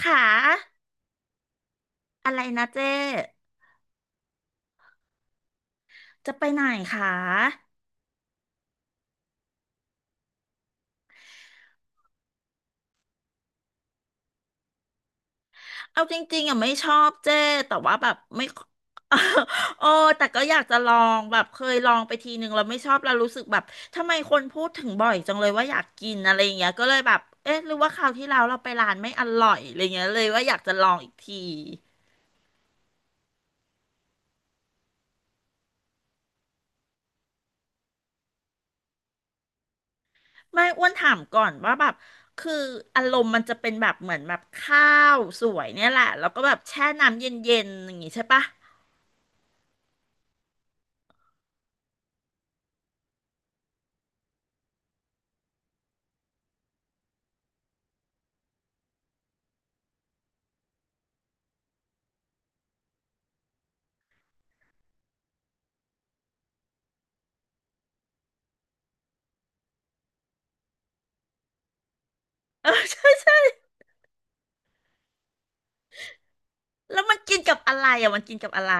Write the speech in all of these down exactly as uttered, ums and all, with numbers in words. ขาอะไรนะเจ๊ จะไปไหนคะเอาจริงๆอ่ะไม่ชอบเจ๊แต่ว่าแบบไม่ โอ้ แต่ก็อยากจะลอง แบบเคยลองไปทีนึงแล้วไม่ชอบแล้วรู้สึกแบบทำไมคนพูดถึงบ่อยจังเลยว่าอยากกินอะไรอย่างเงี้ยก็เลยแบบเอ๊ะหรือว่าคราวที่แล้วเราไปร้านไม่อร่อยอะไรเงี้ยเลยว่าอยากจะลองอีกทีไม่อ้วนถามก่อนว่าแบบคืออารมณ์มันจะเป็นแบบเหมือนแบบข้าวสวยเนี่ยแหละแล้วก็แบบแช่น้ำเย็นๆอย่างงี้ใช่ปะเออ ใช่ แล้วมันกินกับอะไรอ่ะมันกินกับอะไร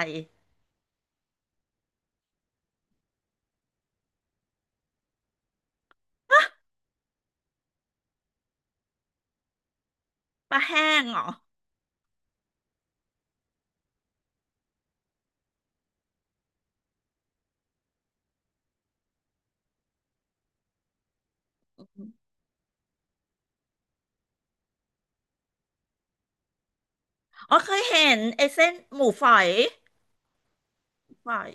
ปลาแห้งเหรออ๋อเคยเห็นไอ้เส้นหมูฝอยฝอย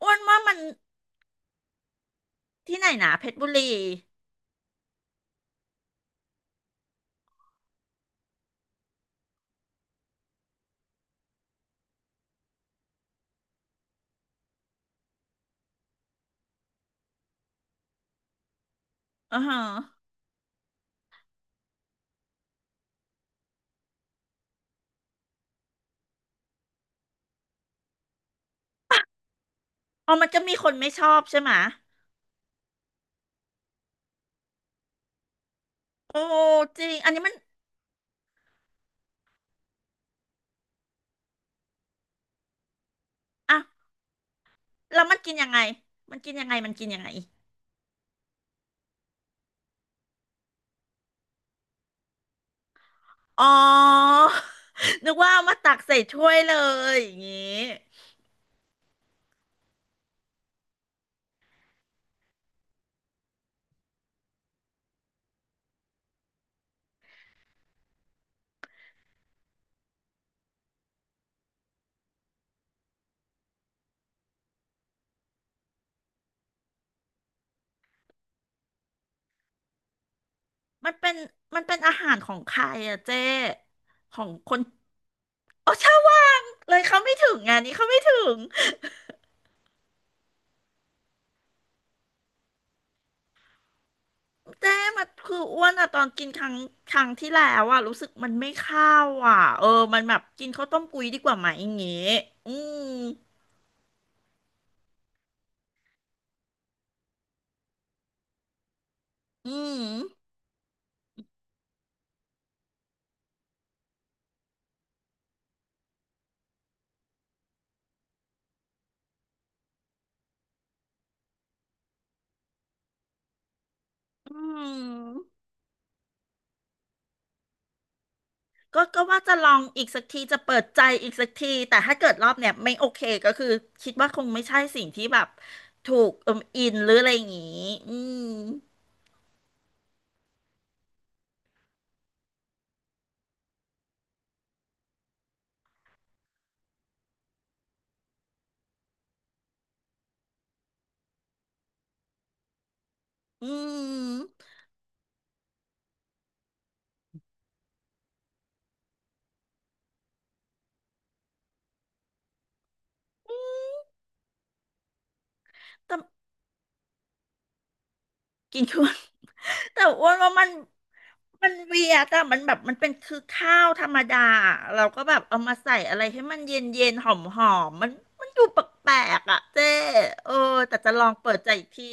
อ้วนว่ามันที่ไหนนะเพชรบุรีอ่าฮะอ๋อมันจะมีคนไม่ชอบใช่ไหมะโอ้จริงอันนี้มันอ่ะแล้วมันกินยังไงมันกินยังไงมันกินยังไงอ๋อ นึกว่าเอามาตักใส่ถ้วยเลยอย่างงี้มันเป็นมันเป็นอาหารของใครอะเจ๊ของคนอ๋อชาวบ้าดเลยเขาไม่ถึงงานนี้เขาไม่ถึง เจ๊มันคืออ้วนอะตอนกินครั้งครั้งที่แล้วอะรู้สึกมันไม่เข้าอะเออมันแบบกินข้าวต้มกุยดีกว่าไหมอย่างงี้อืมอืมอืมก็ก็ว่าจะลองอีกสักทีจะเปิดใจอีกสักทีแต่ถ้าเกิดรอบเนี้ยไม่โอเคก็คือคิดว่าคงไม่ใช่สิ่งที่แบบถูกเอิมอินหรืออะไรอย่างงี้อืมอืมแต่ กินทุน แต่อ้วนว่ามันมันเวียแต่มันแบบมันเป็นคือข้าวธรรมดาเราก็แบบเอามาใส่อะไรให้มันเย็นเย็นหอมหอมๆมันมันดูแปลกๆอ่ะเจเออแต่จะลองเปิดใจอีกที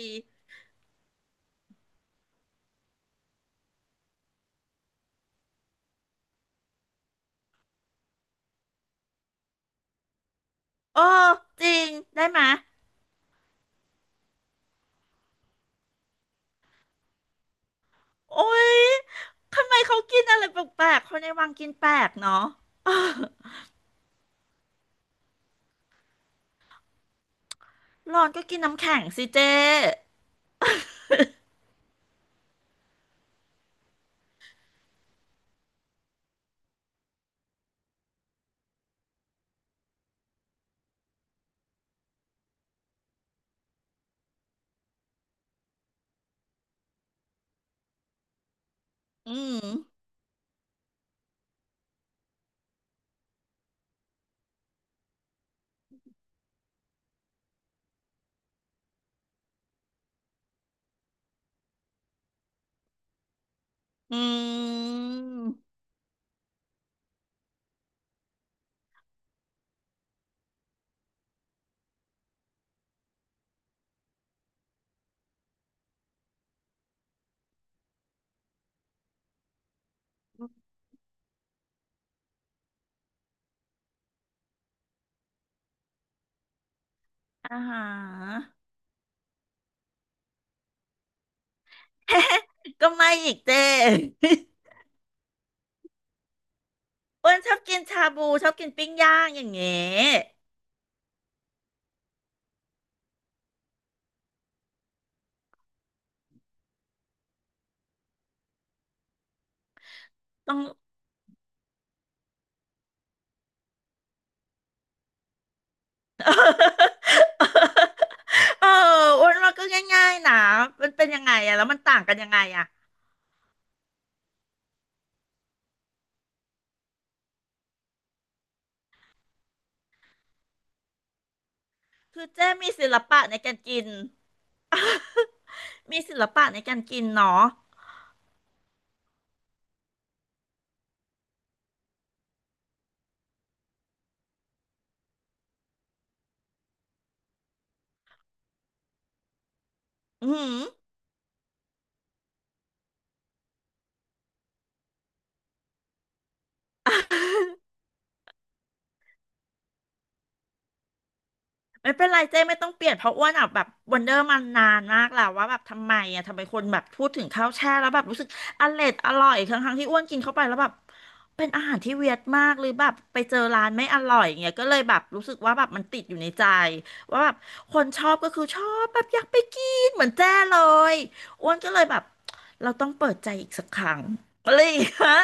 โอ้จริงได้ไหมยโอ้ยทำไมเขากินอะไรแปลกๆคนในวังกินแปลกเนาะร้อนก็กินน้ำแข็งสิเจ้อืมอืมอาหาร ก็ไม่อีกเจ อ้วนชอบกินชาบูชอบกินปิ้งย่างอย่างเงี้ยต้อง เอออ้วนว่าก็ง่ายๆนะมันเป็นยังไงอะแล้วมันต่างกันยังไงอะคือเจ้มีศิลปะในการกิน มีศิลปะในการกินเนาะอืม ไม่เป็นไรเจ้ไม่ต้องเปลี่ยนเพราะอ้วนอ่ะแบบวันเดอร์มันนานมากแล้วว่าแบบทำไมอ่ะทำไมคนแบบพูดถึงข้าวแช่แล้วแบบรู้สึกอร่อยอร่อยทั้งทั้งที่อ้วนกินเข้าไปแล้วแบบเป็นอาหารที่เวียดมากหรือแบบไปเจอร้านไม่อร่อยางเงี้ยก็เลยแบบรู้สึกว่าแบบมันติดอยู่ในใจว่าแบบคนชอบก็คือชอบแบบอยากไปกินเหมือนแจ้เลยอ้วนก็เลยแบบเราต้องเปิดใจอีกสักครั้งอะไรอย่างเงี้ย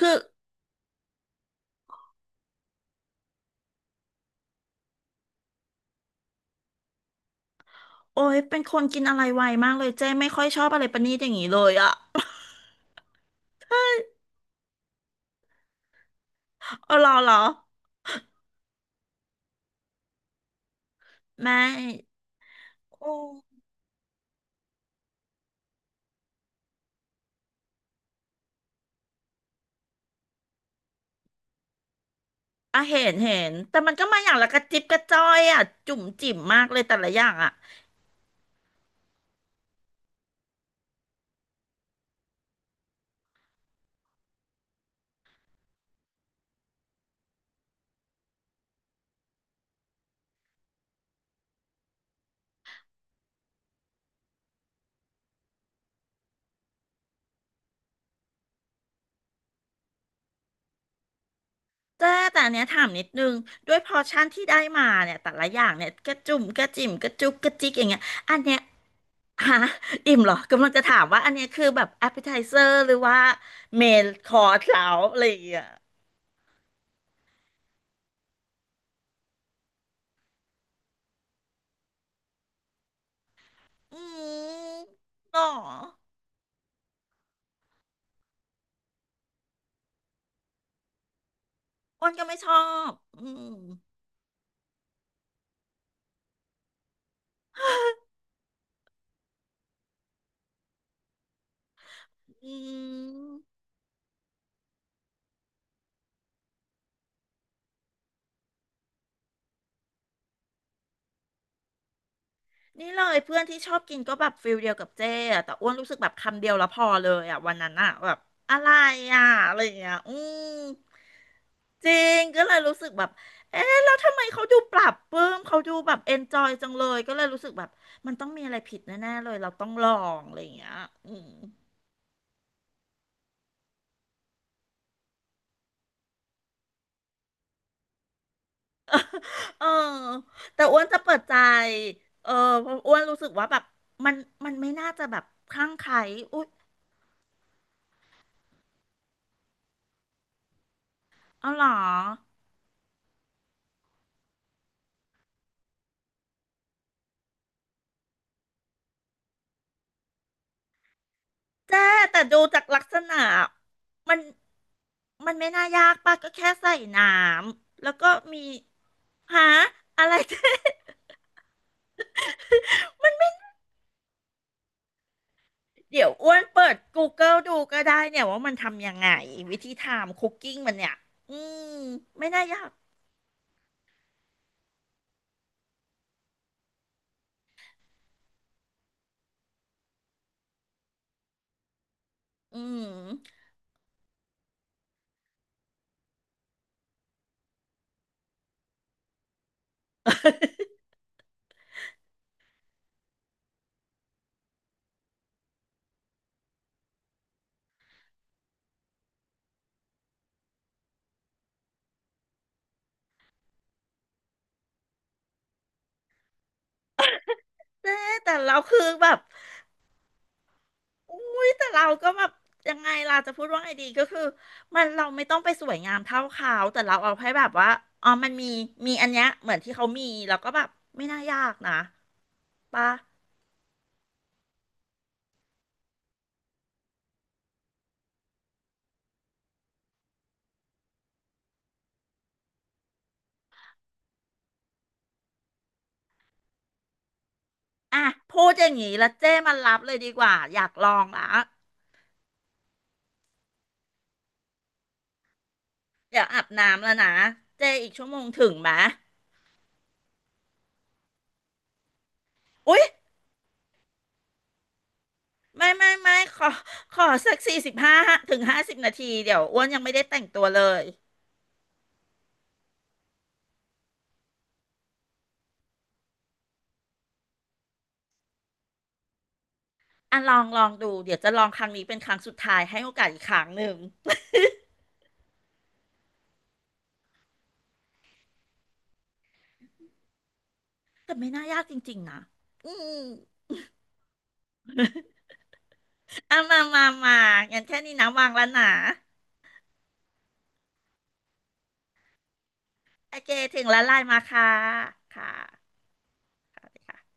คือโอ้ยเป็นคนกินอะไรไวมากเลยเจ้ไม่ค่อยชอบอะไรประณีตอย่างนี้เลยอะ เออเหรอเหรอ ไม่โอ้อ่ะเห็นเห็นแต่มันก็มาอย่างละกระจิบกระจ้อยอ่ะจุ่มจิ๋มมากเลยแต่ละอย่างอ่ะแต่แต่อันเนี้ยถามนิดนึงด้วยพอร์ชั่นที่ได้มาเนี่ยแต่ละอย่างเนี่ยกระจุ่มกระจิ๋มกระจุกกระจิกอย่างเงี้ยอันเนี้ยฮะอิ่มเหรอกำลังจะถามว่าอันเนี้ยคือแบบ a p p e t i z e r หรือว่าเมนคอร์สแล้วอะไรอย่างเงี้ยอืมหรออ้วนก็ไม่ชอบอืมอืม นี่เลยเพื่อนที่ชอบกินก็แบบฟิลเดียวกับเจ๊อะแต่อ้วนรู้สึกแบบคำเดียวแล้วพอเลยอะวันนั้นอะแบบอะไรอะอะไรอย่างเงี้ยอืมจริงก็เลยรู้สึกแบบเอ๊ะแล้วทำไมเขาดูปรับปรื้มเขาดูแบบเอนจอยจังเลยก็เลยรู้สึกแบบมันต้องมีอะไรผิดแน่ๆเลยเราต้องลองอะไรอย่างเงี้ยอืมเออแต่อ้วนจะเปิดใจเออเพราะอ้วนรู้สึกว่าแบบมันมันไม่น่าจะแบบคลั่งไคล้อุ๊ยเอาเหรอ แจ้แต่ดูจากลักษณะมันมันไม่น่ายากป่ะก็แค่ใส่น้ำแล้วก็มีหาอะไร เดี๋ยวอ้วนเปิด Google ดูก็ได้เนี่ยว่ามันทำยังไงวิธีทำคุกกิ้งมันเนี่ยอืมไม่น่ายากอืม เจ๊แต่เราคือแบบ อุ้ยแต่เราก็แบบยังไงล่ะจะพูดว่าไงดีก็คือมันเราไม่ต้องไปสวยงามเท่าเขาแต่เราเอาให้แบบว่าอ๋อมันมีมีอันเนี้ยเหมือนที่เขามีแล้วก็แบบไม่น่ายากนะปะอ่ะพูดอย่างนี้แล้วเจ้มันรับเลยดีกว่าอยากลองละอยากอาบน้ำแล้วนะเจ้อีกชั่วโมงถึงไหมอุ้ยไม่ไม่ไม่ขอขอสักสี่สิบห้าถึงห้าสิบนาทีเดี๋ยวอ้วนยังไม่ได้แต่งตัวเลยอ่ะลองลองดูเดี๋ยวจะลองครั้งนี้เป็นครั้งสุดท้ายให้โอกาสอีกครั้งหนึ่ง แต่ไม่น่ายากจริงๆนะอืมอ่ะมา มา มางั้นแค่นี้นะวางแล้วนะโอเคถึงแล้วไลน์มาค่ะ ค่ะ